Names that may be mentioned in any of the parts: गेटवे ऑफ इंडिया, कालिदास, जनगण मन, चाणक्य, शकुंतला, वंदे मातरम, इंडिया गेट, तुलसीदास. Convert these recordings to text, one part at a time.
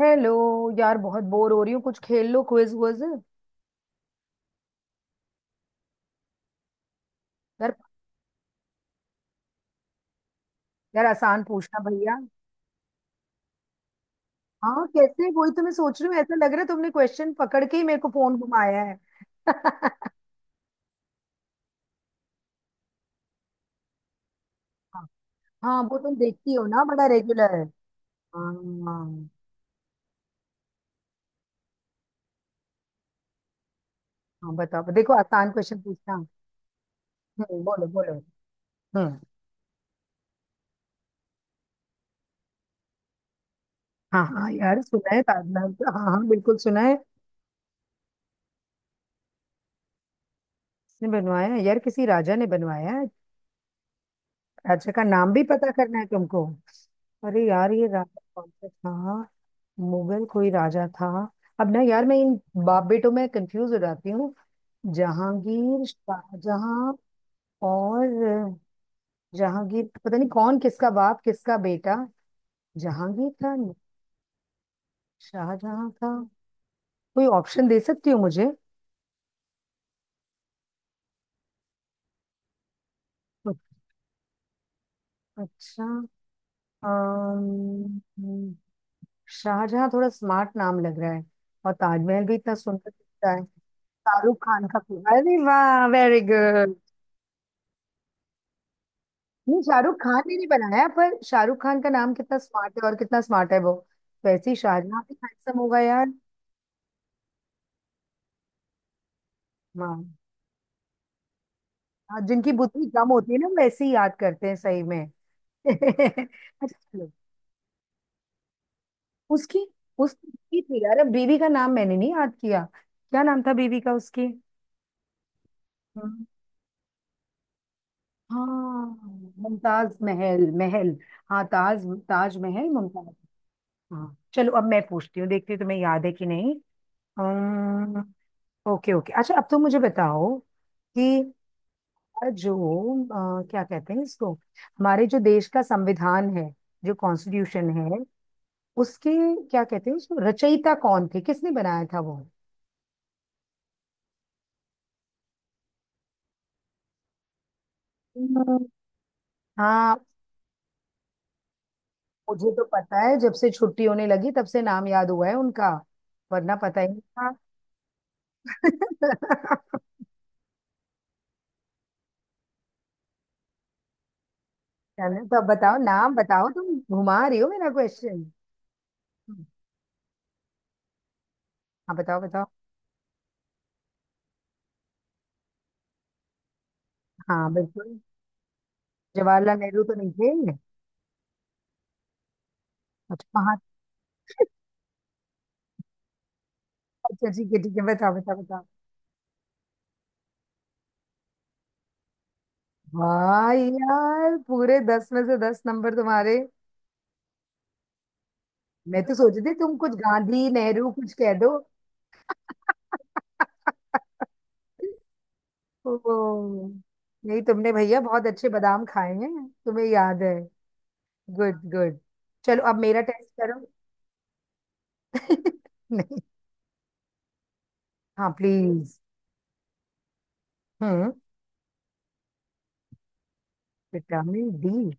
Hello. यार बहुत bore हो रही हूँ, कुछ खेल लो, क्विज वुइज यार। यार आसान पूछना भैया। हाँ, कैसे? वही तो मैं सोच रही हूँ, ऐसा लग रहा है तुमने क्वेश्चन पकड़ के ही मेरे को फोन घुमाया है। हाँ, वो तुम देखती हो ना बड़ा रेगुलर। हाँ हाँ। हाँ, बताओ, देखो आसान क्वेश्चन पूछना। बोलो बोलो। हम्म। हाँ हाँ यार, सुना है ताजमहल का। हाँ हाँ बिल्कुल सुना है। किसने बनवाया है? यार किसी राजा ने बनवाया है। राजा का नाम भी पता करना है तुमको? अरे यार, ये राजा कौन सा था। मुगल कोई राजा था। अब ना यार, मैं इन बाप बेटों में कंफ्यूज हो जाती हूँ। जहांगीर, शाहजहां। और जहांगीर, पता नहीं कौन किसका बाप किसका बेटा। जहांगीर था, शाहजहां था। कोई ऑप्शन दे सकती हो मुझे? अच्छा। अम्म, शाहजहां थोड़ा स्मार्ट नाम लग रहा है। और ताजमहल भी इतना सुंदर दिखता है शाहरुख खान का। अरे वाह, वेरी गुड। नहीं, शाहरुख खान ने नहीं बनाया, पर शाहरुख खान का नाम कितना स्मार्ट है और कितना स्मार्ट है वो। वैसे ही शाहजहां भी हैंडसम होगा यार। हाँ, हाँ, जिनकी बुद्धि कम होती है ना वैसे ही याद करते हैं सही में। अच्छा चलो। उसकी उसकी बीवी थी यार, अब बीवी का नाम मैंने नहीं याद किया, क्या नाम था बीवी का उसकी। हम्म, हाँ। मुमताज महल महल हाँ, ताज ताज महल, मुमताज। हाँ चलो, अब मैं पूछती हूँ, देखती हूँ तुम्हें याद है कि नहीं। अम्म, ओके ओके। अच्छा अब तो मुझे बताओ कि जो क्या कहते हैं इसको, हमारे जो देश का संविधान है, जो कॉन्स्टिट्यूशन है उसके, क्या कहते हैं उसको, रचयिता कौन थे, किसने बनाया था वो? हम्म, हाँ। मुझे तो पता है, जब से छुट्टी होने लगी तब से नाम याद हुआ है उनका, वरना पता ही नहीं था। चलो तो अब बताओ, नाम बताओ, तुम घुमा रही हो मेरा क्वेश्चन। हाँ बताओ बताओ। हाँ बिल्कुल। जवाहरलाल नेहरू तो नहीं थे? अच्छा। अच्छा ठीक है ठीक है, बताओ बताओ बताओ। भाई यार, पूरे दस में से दस नंबर तुम्हारे। मैं तो सोच रही थी तुम कुछ गांधी नेहरू कुछ कह दो। ओ, नहीं, तुमने भैया बहुत अच्छे बादाम खाए हैं, तुम्हें याद है। Good good. चलो अब मेरा टेस्ट करो। नहीं। हाँ प्लीज। हम्म। Vitamin D.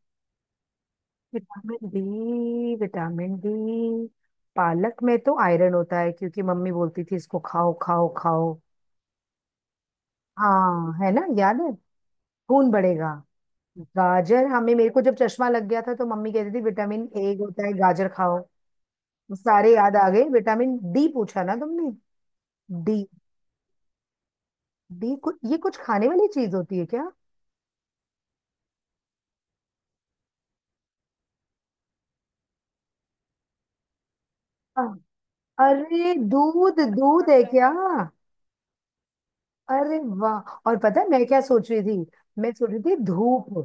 Vitamin D, vitamin D. पालक में तो आयरन होता है, क्योंकि मम्मी बोलती थी इसको खाओ खाओ खाओ। हाँ है ना, याद है। खून बढ़ेगा। गाजर, हमें मेरे को जब चश्मा लग गया था तो मम्मी कहती थी विटामिन ए होता है, गाजर खाओ। सारे याद आ गए। विटामिन डी पूछा ना तुमने? डी। डी कुछ, ये कुछ खाने वाली चीज होती है क्या? अ- अरे दूध, दूध है क्या? अरे वाह, और पता है मैं क्या सोच रही थी, मैं सोच रही थी धूप।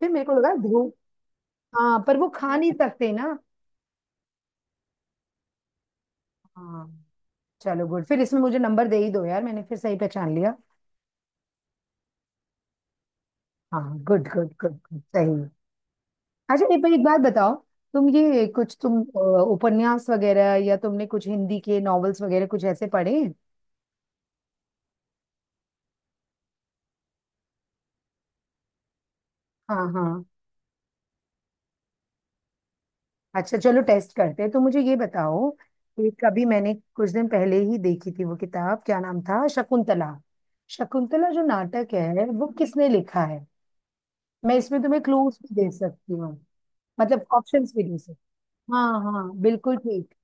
फिर मेरे को लगा धूप। हाँ पर वो खा नहीं सकते ना। हाँ। चलो गुड, फिर इसमें मुझे नंबर दे ही दो यार, मैंने फिर सही पहचान लिया। हाँ गुड गुड गुड गुड, सही। अच्छा एक एक बात बताओ, तुम ये कुछ तुम उपन्यास वगैरह, या तुमने कुछ हिंदी के नॉवेल्स वगैरह कुछ ऐसे पढ़े हैं? हाँ हाँ। अच्छा चलो टेस्ट करते हैं, तो मुझे ये बताओ कि कभी मैंने कुछ दिन पहले ही देखी थी वो किताब, क्या नाम था, शकुंतला। शकुंतला जो नाटक है वो किसने लिखा है? मैं इसमें तुम्हें क्लूज भी दे सकती हूँ, मतलब ऑप्शंस भी दे। हाँ हाँ बिल्कुल ठीक।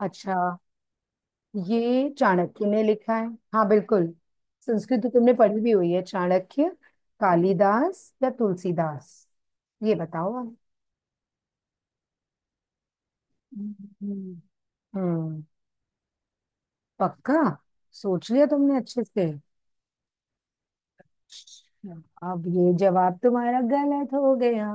अच्छा ये चाणक्य ने लिखा है? हाँ बिल्कुल। संस्कृत तो तुमने पढ़ी भी हुई है। चाणक्य, कालिदास या तुलसीदास, ये बताओ आप। हम्म, हम्म, पक्का? सोच लिया तुमने अच्छे से? अब ये जवाब तुम्हारा गलत हो गया,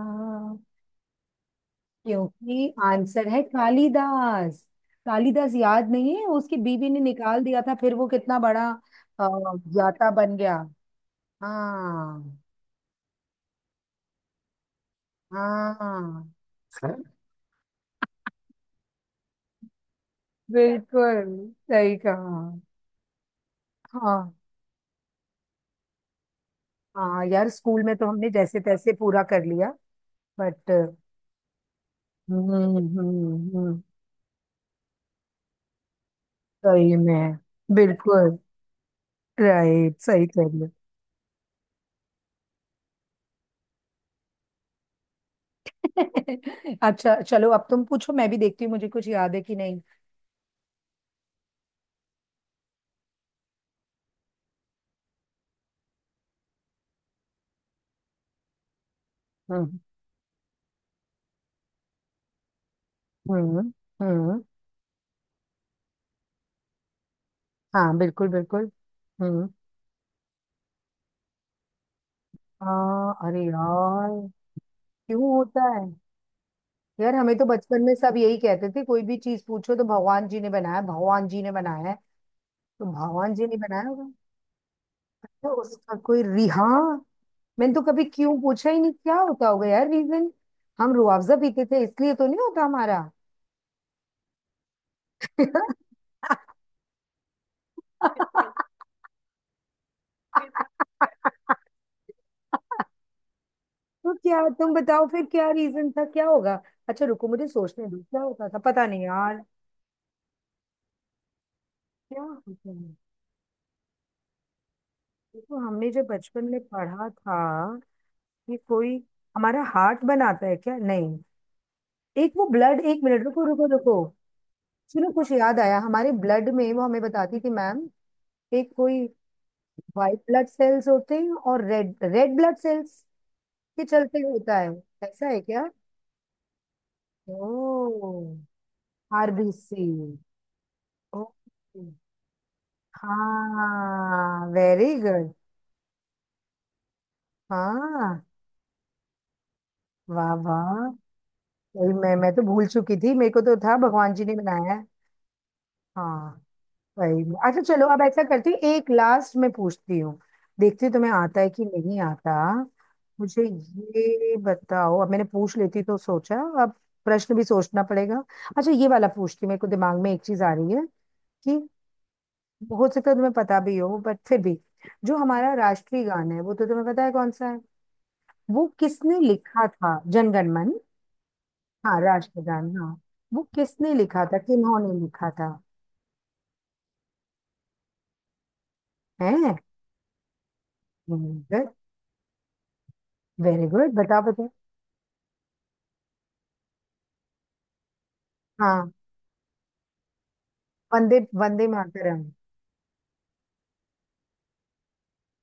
क्योंकि आंसर है कालिदास। कालिदास, याद नहीं है उसकी बीवी ने निकाल दिया था, फिर वो कितना बड़ा अ, ज्ञाता बन गया। हाँ हाँ है। बिल्कुल सही कहा। हाँ हाँ यार, स्कूल में तो हमने जैसे तैसे पूरा कर लिया, बट। हम्म हम्म हम्म, सही में। बिल्कुल राइट, सही कर लिया। अच्छा चलो अब तुम पूछो, मैं भी देखती हूँ मुझे कुछ याद है कि नहीं। हम्म हम्म हम्म। हाँ बिल्कुल बिल्कुल। हम्म। हाँ अरे यार, क्यों होता है? यार हमें तो बचपन में सब यही कहते थे, कोई भी चीज पूछो तो भगवान जी ने बनाया, भगवान जी ने बनाया है, तो भगवान जी ने बनाया होगा। अच्छा उसका कोई री, हाँ, मैंने तो कभी क्यों पूछा ही नहीं, क्या होता होगा यार रीजन। हम रुआवजा पीते थे, इसलिए तो नहीं होता हमारा? तो क्या तुम बताओ फिर, क्या रीजन था, क्या होगा? अच्छा रुको मुझे सोचने दो, क्या होता था, पता नहीं यार। क्या होता है, ये तो हमने जो बचपन में पढ़ा था, ये कोई हमारा हार्ट बनाता है क्या, नहीं, एक वो ब्लड, एक मिनट रुको रुको रुको। सुनो, कुछ याद आया, हमारे ब्लड में वो हमें बताती थी मैम, एक कोई व्हाइट ब्लड सेल्स होते हैं और रेड रेड ब्लड सेल्स के चलते होता है। ऐसा है क्या? ओ। आरबीसी। ओके। हाँ वेरी गुड। हाँ वाह वाह। सही में, मैं तो भूल चुकी थी, मेरे को तो था भगवान जी ने बनाया है। हाँ वही में। अच्छा चलो अब ऐसा करती हूँ, एक लास्ट में पूछती हूँ, देखती हूँ तुम्हें आता है कि नहीं आता। मुझे ये बताओ, अब मैंने पूछ लेती तो सोचा, अब प्रश्न भी सोचना पड़ेगा। अच्छा ये वाला पूछती हूँ, मेरे को दिमाग में एक चीज आ रही है, कि हो सकता है तुम्हें पता भी हो, बट फिर भी, जो हमारा राष्ट्रीय गान है वो तो तुम्हें पता है कौन सा है, वो किसने लिखा था? जनगण मन। हाँ राष्ट्रगान, हाँ। वो किसने लिखा था किन्होंने लिखा था? है। वेरी गुड, बताओ बताओ। हाँ, वंदे वंदे मातरम।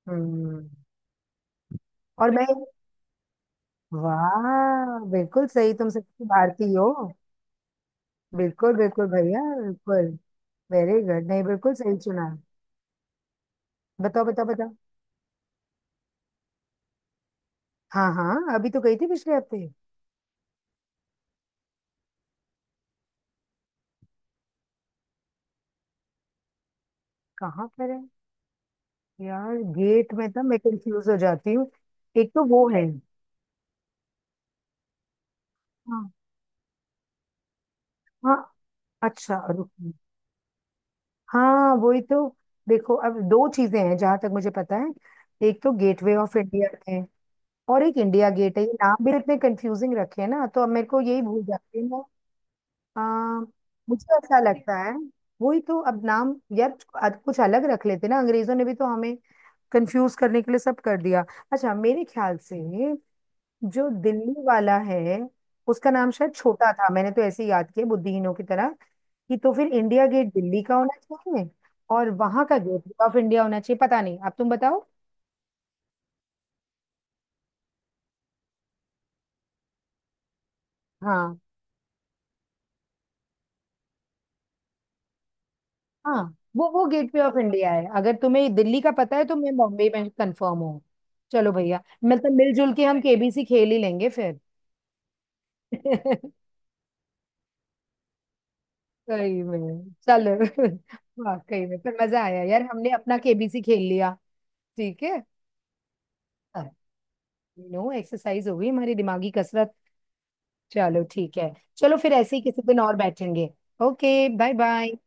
हम्म और मैं। वाह बिल्कुल सही, तुम सच में भारतीय हो। बिल्कुल बिल्कुल भैया बिल्कुल। वेरी गुड, नहीं बिल्कुल सही चुना। बताओ बताओ बताओ। हाँ हाँ, अभी तो गई थी पिछले हफ्ते। कहाँ पर है? यार गेट में था मैं कंफ्यूज हो जाती हूँ। एक तो वो है। हाँ हाँ। अच्छा रुक। हाँ वही तो, देखो अब दो चीजें हैं जहां तक मुझे पता है, एक तो गेटवे ऑफ इंडिया है, और एक इंडिया गेट है, ये नाम भी इतने कंफ्यूजिंग रखे हैं ना, तो अब मेरे को यही भूल जाती हूँ मैं। आ, मुझे ऐसा लगता है, वही तो, अब नाम यार, कुछ अलग रख लेते ना अंग्रेजों ने भी तो हमें, कंफ्यूज करने के लिए सब कर दिया। अच्छा मेरे ख्याल से जो दिल्ली वाला है, उसका नाम शायद छोटा था, मैंने तो ऐसे ही याद किया बुद्धिहीनों की तरह कि तो फिर इंडिया गेट दिल्ली का होना चाहिए और वहां का गेट ऑफ इंडिया होना चाहिए, पता नहीं, अब तुम बताओ। हाँ हाँ। वो गेटवे ऑफ इंडिया है, अगर तुम्हें दिल्ली का पता है तो मैं बॉम्बे में कंफर्म हूँ। चलो भैया, मतलब मिलजुल के हम केबीसी खेल ही लेंगे फिर। सही में चलो। वाकई में, पर मजा आया यार, हमने अपना केबीसी खेल लिया। ठीक है। नो, एक्सरसाइज हो गई हमारी, दिमागी कसरत। चलो ठीक है। चलो फिर ऐसे ही किसी दिन और बैठेंगे। Okay, bye bye.